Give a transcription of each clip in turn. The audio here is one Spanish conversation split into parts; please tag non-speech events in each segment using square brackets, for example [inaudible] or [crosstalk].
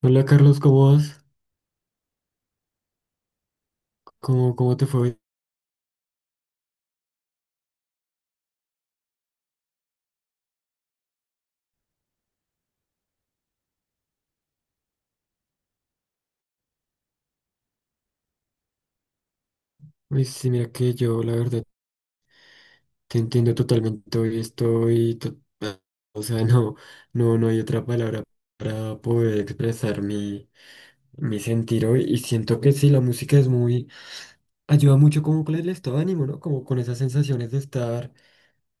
Hola Carlos, ¿cómo vas? ¿Cómo te fue hoy? Uy, sí, mira que yo la verdad te entiendo totalmente hoy estoy, o sea, [laughs] no, no, no hay otra palabra para poder expresar mi sentir hoy. Y siento que sí, la música es ayuda mucho como con el estado de ánimo, ¿no? Como con esas sensaciones de estar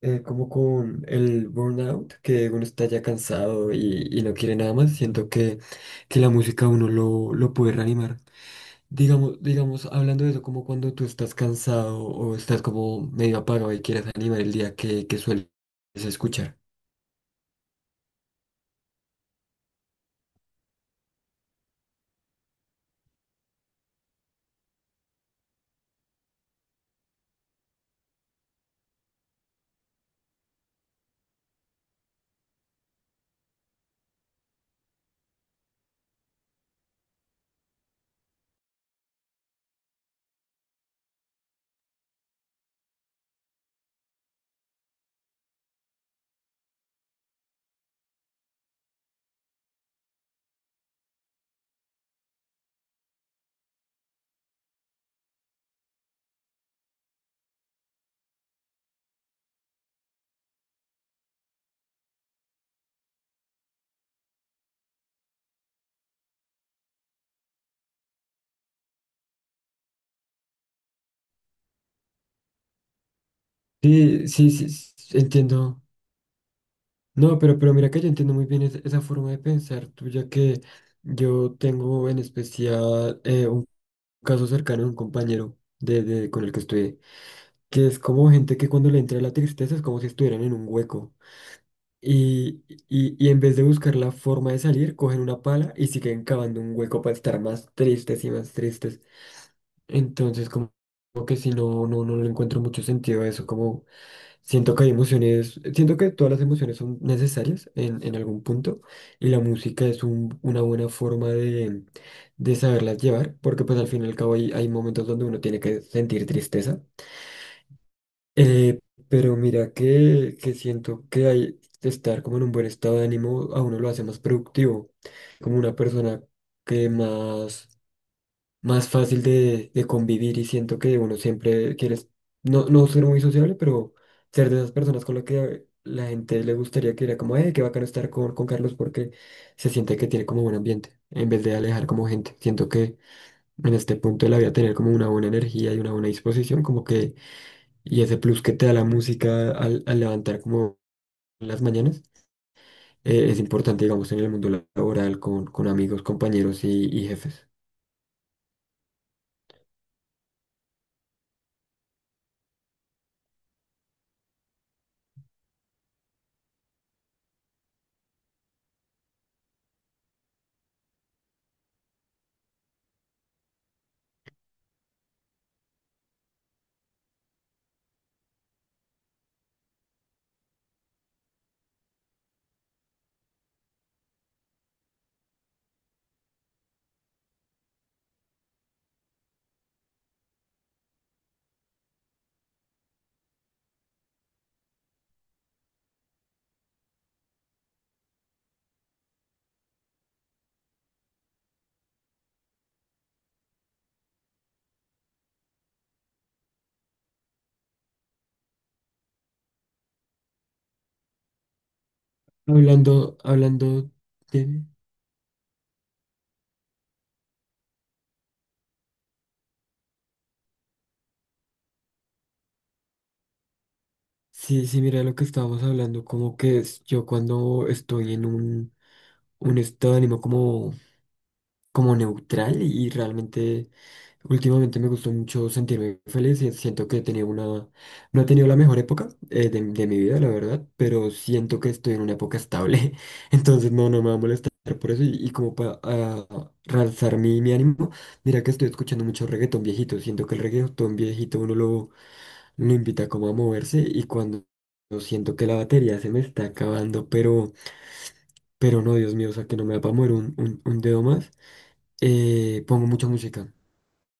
como con el burnout, que uno está ya cansado y no quiere nada más. Siento que la música a uno lo puede reanimar. Hablando de eso, como cuando tú estás cansado o estás como medio apagado y quieres animar el día que sueles escuchar. Sí, sí, sí, sí, entiendo. No, pero mira que yo entiendo muy bien esa forma de pensar tuya, que yo tengo en especial un caso cercano de un compañero con el que estudié, que es como gente que cuando le entra la tristeza es como si estuvieran en un hueco. Y, y en vez de buscar la forma de salir, cogen una pala y siguen cavando un hueco para estar más tristes y más tristes. Entonces, como que si no, no, no le encuentro mucho sentido a eso. Como siento que hay emociones, siento que todas las emociones son necesarias en algún punto, y la música es una buena forma de saberlas llevar, porque pues al fin y al cabo hay momentos donde uno tiene que sentir tristeza. Eh, pero mira que siento que estar como en un buen estado de ánimo a uno lo hace más productivo, como una persona que más fácil de convivir. Y siento que uno siempre quiere, no, no ser muy sociable, pero ser de esas personas con las que la gente le gustaría, que era como, qué bacano estar con Carlos, porque se siente que tiene como buen ambiente, en vez de alejar como gente. Siento que en este punto de la vida tener como una buena energía y una buena disposición, como que y ese plus que te da la música al levantar como las mañanas, es importante, digamos, en el mundo laboral, con amigos, compañeros y jefes. Hablando, hablando de... Sí, sí, mira lo que estábamos hablando, como que yo cuando estoy en un estado de ánimo como neutral. Y realmente últimamente me gustó mucho sentirme feliz, y siento que he tenido no he tenido la mejor época de mi vida, la verdad. Pero siento que estoy en una época estable, [laughs] entonces no, no me va a molestar por eso, y como para realzar mi ánimo, mira que estoy escuchando mucho reggaetón viejito. Siento que el reggaetón viejito uno lo invita como a moverse, y cuando... Siento que la batería se me está acabando, pero no, Dios mío, o sea que no me va a mover un dedo más. Pongo mucha música.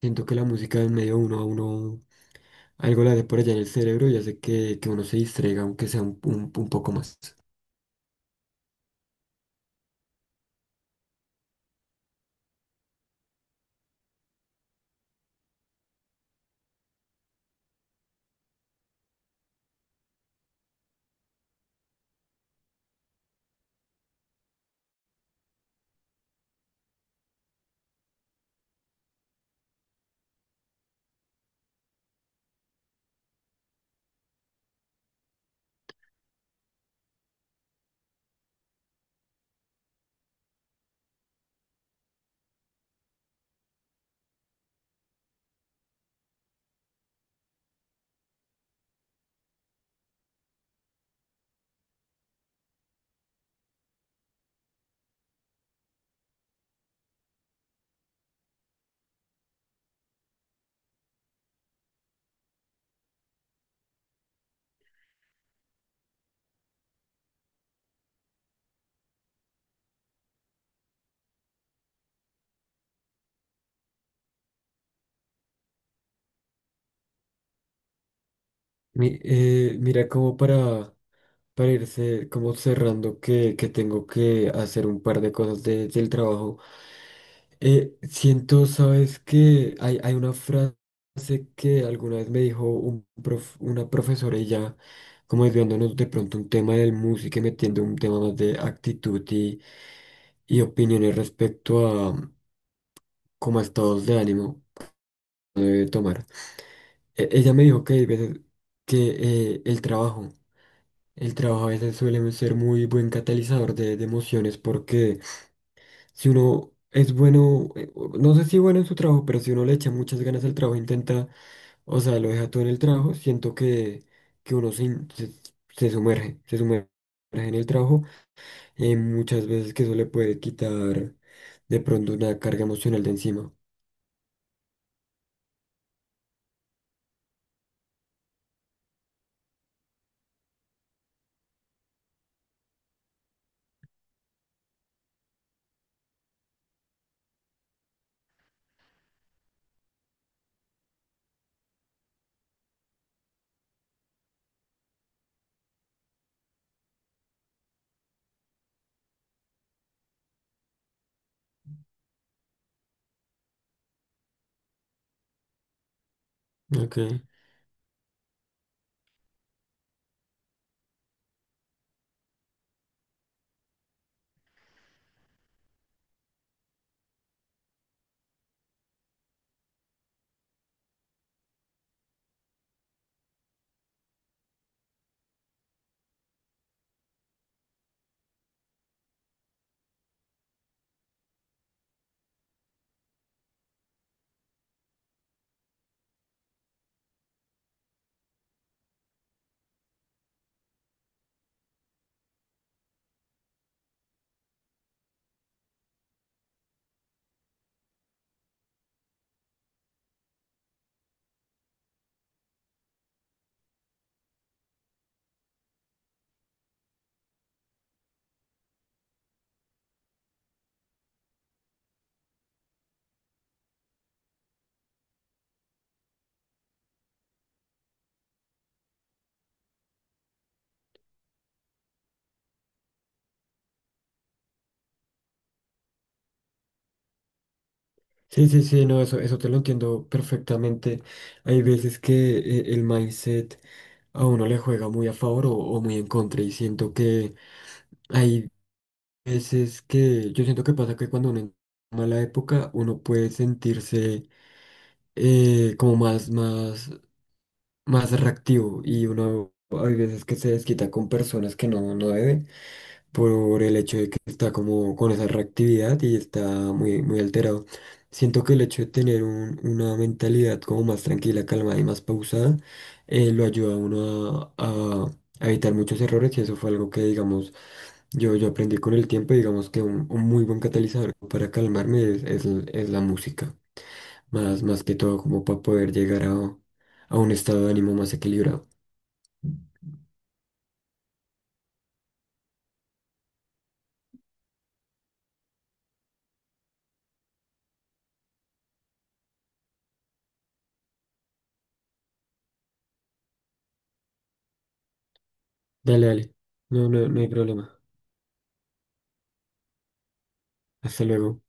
Siento que la música en medio uno a uno algo la hace por allá en el cerebro, y hace que uno se distraiga, aunque sea un poco más. Mira, como para irse como cerrando, que tengo que hacer un par de cosas del trabajo. Siento, sabes que hay una frase que alguna vez me dijo una profesora. Y ya, como desviándonos de pronto un tema del música y metiendo un tema más de actitud y opiniones respecto a, como a estados de ánimo que debe tomar. Ella me dijo que hay veces que el trabajo, a veces suele ser muy buen catalizador de emociones, porque si uno es bueno, no sé si bueno en su trabajo, pero si uno le echa muchas ganas al trabajo, intenta, o sea, lo deja todo en el trabajo. Siento que uno se, in- se, se sumerge en el trabajo. Muchas veces que eso le puede quitar de pronto una carga emocional de encima. Ok. Sí, sí, sí, no, eso te lo entiendo perfectamente. Hay veces que el mindset a uno le juega muy a favor o muy en contra. Y siento que hay veces que yo siento que pasa que cuando uno en mala época uno puede sentirse como más reactivo. Y uno hay veces que se desquita con personas que no, no debe, por el hecho de que está como con esa reactividad y está muy, muy alterado. Siento que el hecho de tener una mentalidad como más tranquila, calmada y más pausada, lo ayuda a uno a evitar muchos errores. Y eso fue algo que, digamos, yo aprendí con el tiempo. Y digamos que un muy buen catalizador para calmarme es la música, más que todo como para poder llegar a un estado de ánimo más equilibrado. Dale, dale, no, no, no hay problema. Hasta luego.